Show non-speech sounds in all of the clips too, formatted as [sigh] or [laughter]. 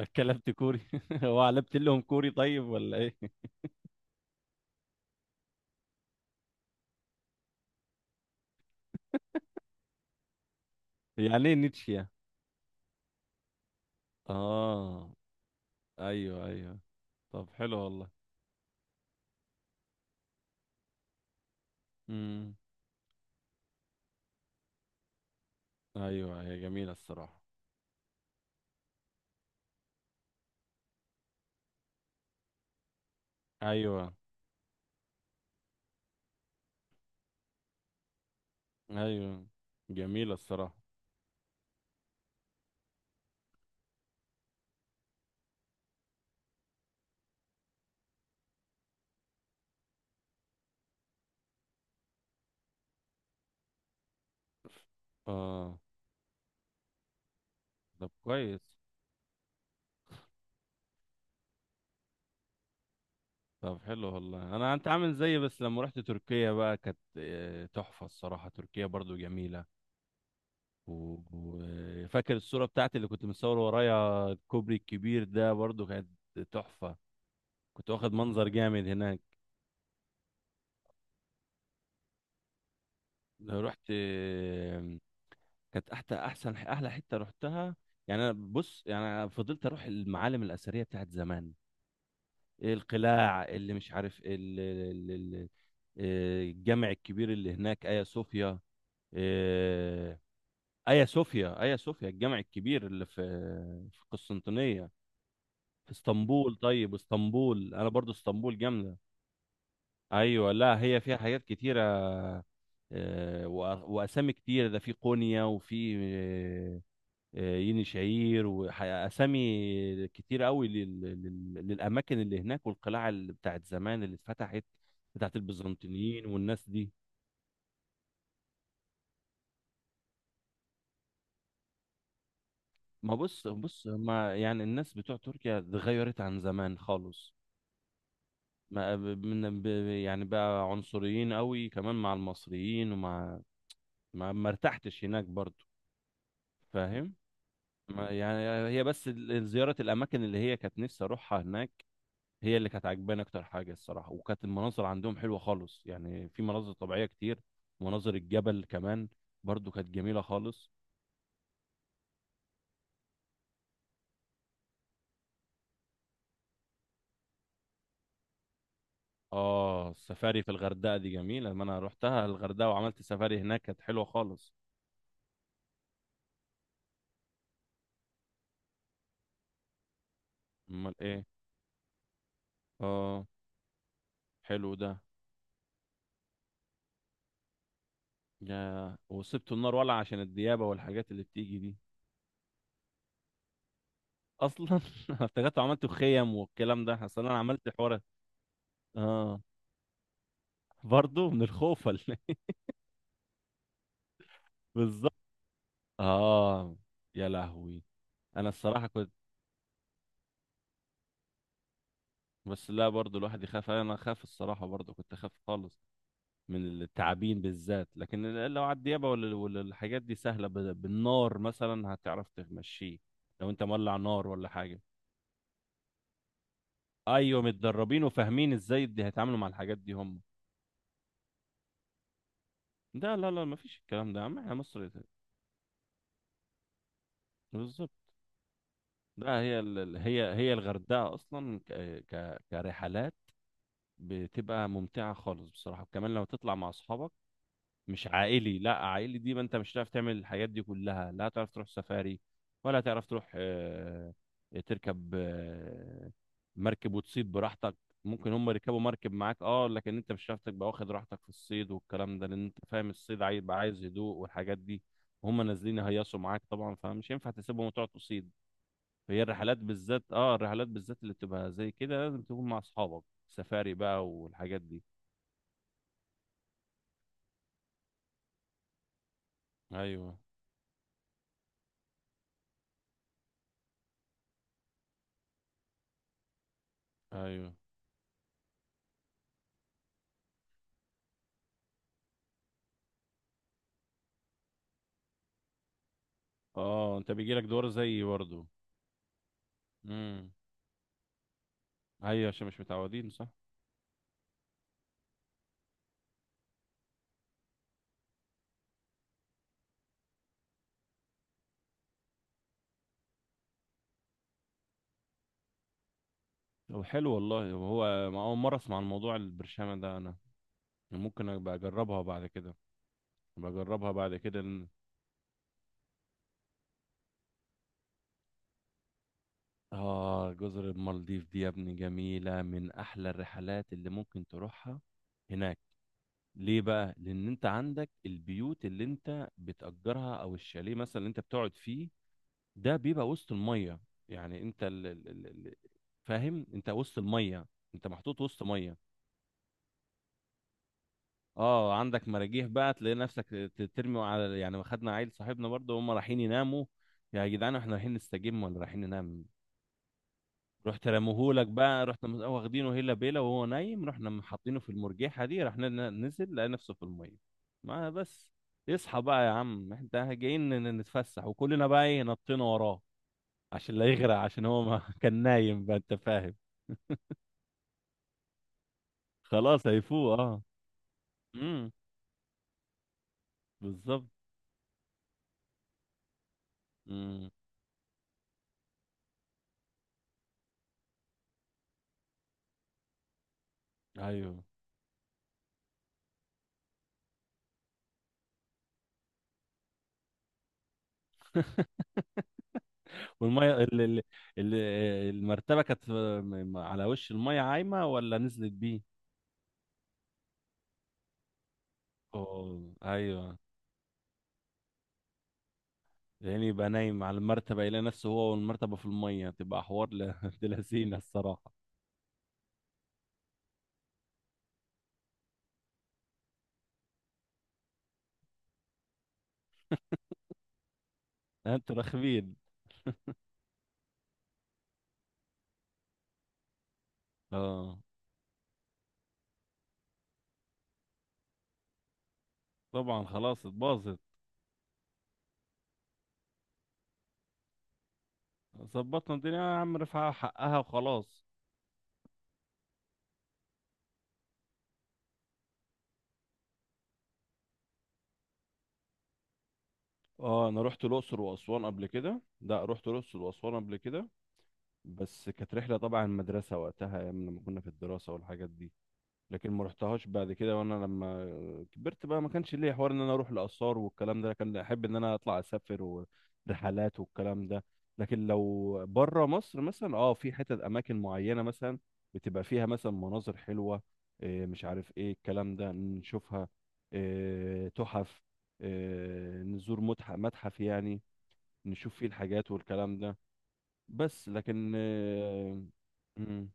اتكلمت كوري؟ [laughs] هو علبت لهم كوري، طيب ولا ايه؟ يعني ايه نيتشه يعني؟ اه، ايوه، ايوه. طب حلو والله. امم ايوه، هي جميله الصراحه. ايوه، ايوه، جميله الصراحه. اه، طب كويس. طب حلو والله، انا انت عامل زيي، بس لما رحت تركيا بقى كانت تحفه الصراحه، تركيا برضو جميله. وفاكر الصوره بتاعتي اللي كنت مصور ورايا الكوبري الكبير ده؟ برضو كانت تحفه. كنت واخد منظر جامد هناك لو رحت، كانت احلى، احسن احلى حته رحتها. يعني انا بص، يعني أنا فضلت اروح المعالم الاثريه بتاعت زمان. إيه، القلاع اللي مش عارف ال- ال- ال- الجامع الكبير اللي هناك، ايا صوفيا. آه، ايا صوفيا، ايا صوفيا الجامع الكبير اللي في قسطنطينيه، في اسطنبول. طيب اسطنبول، انا برضو اسطنبول جامده. ايوه، لا هي فيها حاجات كتيره. واسامي كتير، ده في قونيا وفي يني شعير، واسامي كتير قوي للاماكن اللي هناك، والقلاع اللي بتاعت زمان اللي اتفتحت بتاعت البيزنطيين والناس دي. ما بص، بص، ما يعني الناس بتوع تركيا اتغيرت عن زمان خالص. ما ب- من ب... يعني بقى عنصريين قوي كمان مع المصريين ومع، ما ارتحتش هناك برضو. فاهم. ما يعني هي بس زيارة الأماكن اللي هي كانت نفسي أروحها هناك، هي اللي كانت عجباني اكتر حاجه الصراحه. وكانت المناظر عندهم حلوه خالص، يعني في مناظر طبيعيه كتير، مناظر الجبل كمان برضو كانت جميله خالص. اه، السفاري في الغردقه دي جميله، لما انا روحتها الغردقه وعملت سفاري هناك كانت حلوه خالص. امال ايه؟ اه، حلو ده. يا، وسبت النار ولع عشان الديابه والحاجات اللي بتيجي دي؟ اصلا [laughs] أنا افتكرت عملت خيم والكلام ده، اصلا انا عملت حوار. اه، برضو من الخوف ولا إيه؟ [laughs] بالظبط. اه، يا لهوي. انا الصراحه كنت، بس لا برضو الواحد يخاف، انا اخاف الصراحه برضو كنت اخاف خالص من التعابين بالذات. لكن لو على الديابه ولا الحاجات دي سهله بالنار مثلا هتعرف تمشيه، لو انت مولع نار ولا حاجه. ايوه، متدربين وفاهمين ازاي دي هيتعاملوا مع الحاجات دي هم. ده لا، لا، ما فيش الكلام ده يا عم، احنا مصر. بالظبط. ده هي هي هي الغردقه اصلا كرحلات بتبقى ممتعه خالص بصراحه، وكمان لو تطلع مع اصحابك، مش عائلي. لا عائلي دي ما انت مش هتعرف تعمل الحاجات دي كلها، لا هتعرف تروح سفاري، ولا هتعرف تروح، تركب، مركب وتصيد براحتك. ممكن هم يركبوا مركب معاك، اه لكن انت مش هتعرف تبقى واخد راحتك في الصيد والكلام ده، لان انت فاهم الصيد عايز يبقى عايز هدوء والحاجات دي، وهم نازلين يهيصوا معاك طبعا، فمش ينفع تسيبهم وتقعد تصيد. هي الرحلات بالذات، الرحلات بالذات اللي بتبقى زي كده لازم تكون مع اصحابك، سفاري بقى والحاجات دي. ايوه، ايوه. اه، انت بيجيلك دور زيي برضه؟ امم ايوه، عشان مش متعودين، صح. طب حلو والله، هو ما اول مره اسمع عن موضوع البرشامه ده انا، ممكن ابقى اجربها بعد كده، ابقى اجربها بعد كده، إن... اه، جزر المالديف دي يا ابني جميله، من احلى الرحلات اللي ممكن تروحها هناك. ليه بقى؟ لان انت عندك البيوت اللي انت بتأجرها او الشاليه مثلا اللي انت بتقعد فيه، ده بيبقى وسط الميه. يعني انت فاهم، انت وسط الميه، انت محطوط وسط ميه. اه، عندك مراجيح بقى تلاقي نفسك ترمي على، يعني خدنا عيل صاحبنا برضه هم رايحين يناموا. يا جدعان، احنا رايحين نستجم ولا رايحين ننام؟ رحت رموهولك بقى، رحت واخدينه هيلا بيلا وهو نايم، رحنا حاطينه في المرجيحه دي، رحنا نزل لقى نفسه في الميه. ما بس، يصحى بقى يا عم، احنا جايين نتفسح، وكلنا بقى ايه، نطينا وراه عشان لا يغرق، عشان هو ما [laughs] كان نايم بقى، انت فاهم. خلاص هيفوق. اه، امم، بالظبط. امم، ايوه. والميه ال- المرتبه كانت على وش الميه عايمه ولا نزلت بيه؟ اه، ايوه، يعني يبقى نايم على المرتبه يلاقي نفسه هو والمرتبه في الميه، تبقى حوار [laughs] ابن لذينه الصراحه. انتوا رخمين. اه، طبعا خلاص اتباظت. ظبطنا الدنيا يا عم، رفعها حقها وخلاص. اه، انا رحت الاقصر واسوان قبل كده، لا رحت الاقصر واسوان قبل كده، بس كانت رحله طبعا المدرسه وقتها، ايام لما كنا في الدراسه والحاجات دي. لكن ما رحتهاش بعد كده وانا لما كبرت بقى، ما كانش ليا حوار ان انا اروح الاثار والكلام ده، كان احب ان انا اطلع اسافر ورحلات والكلام ده. لكن لو بره مصر مثلا، في حتت اماكن معينه مثلا بتبقى فيها مثلا مناظر حلوه، إيه، مش عارف ايه الكلام ده، نشوفها، إيه، تحف، إيه، نزور متحف متحف يعني، نشوف فيه الحاجات والكلام ده. بس لكن إيه. مم،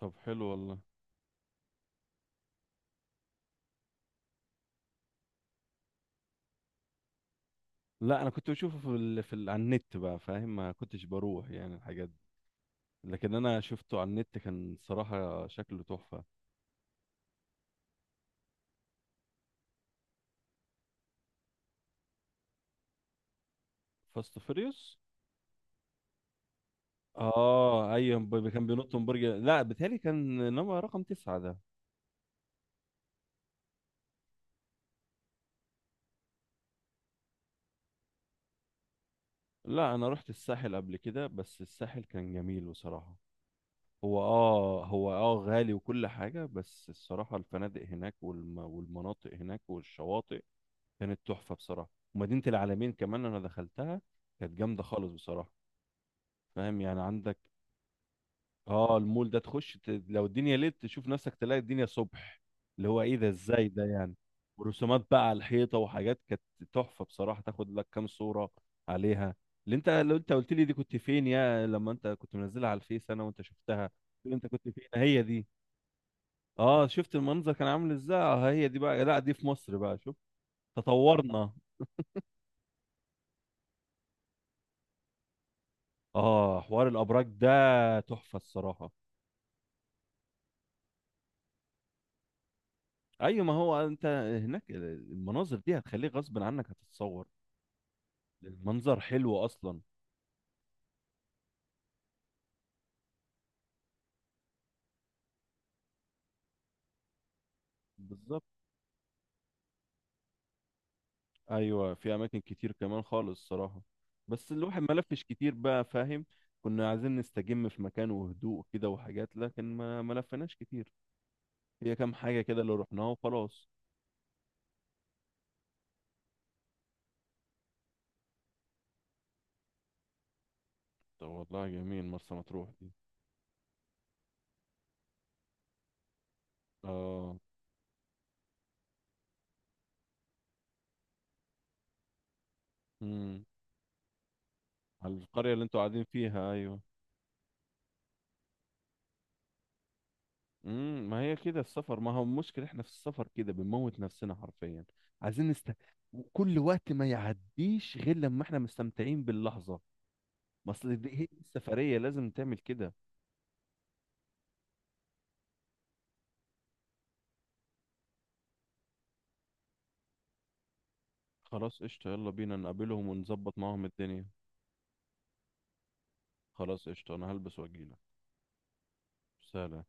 طب حلو والله. لا، انا كنت بشوفه على النت بقى فاهم، ما كنتش بروح يعني الحاجات دي، لكن انا شفته على النت كان صراحة شكله تحفة. فاست فيريوس. اه، ايوه كان بينط من برج، لا بيتهيألي كان نمرة رقم 9 ده. لا، انا رحت الساحل قبل كده، بس الساحل كان جميل بصراحة. هو غالي وكل حاجة، بس الصراحة الفنادق هناك والمناطق هناك والشواطئ كانت تحفة بصراحة. ومدينة العالمين كمان انا دخلتها، كانت جامدة خالص بصراحة. فاهم يعني، عندك، اه المول ده تخش لو الدنيا ليل تشوف نفسك تلاقي الدنيا صبح، اللي هو ايه ده، ازاي ده يعني. ورسومات بقى على الحيطه وحاجات كانت تحفه بصراحه، تاخد لك كام صوره عليها. اللي انت، لو انت قلت لي دي كنت فين يا، لما انت كنت منزلها على الفيس انا وانت شفتها قلت لي انت كنت فين هي دي. اه، شفت المنظر كان عامل ازاي، هي دي بقى، لا دي في مصر بقى، شوف تطورنا. اه، حوار الابراج ده تحفه الصراحه. ايوه، ما هو انت هناك المناظر دي هتخليك غصب عنك هتتصور، المنظر حلو اصلا. بالظبط. ايوه، في اماكن كتير كمان خالص صراحه. بس الواحد ما لفش كتير بقى فاهم، كنا عايزين نستجم في مكان وهدوء كده وحاجات، لكن ما لفناش كتير، هي كام حاجه كده اللي رحناها وخلاص. طب والله جميل مرسى مطروح دي. اه. امم على القريه اللي انتوا قاعدين فيها، ايوه. ما هي كده السفر، ما هو المشكله احنا في السفر كده بنموت نفسنا حرفيا، عايزين نست. كل وقت ما يعديش غير لما احنا مستمتعين باللحظه، ما اصل دي هي دي السفرية لازم تعمل كده. خلاص قشطة، يلا بينا نقابلهم ونظبط معاهم الدنيا. خلاص قشطة، انا هلبس واجيلك. سلام.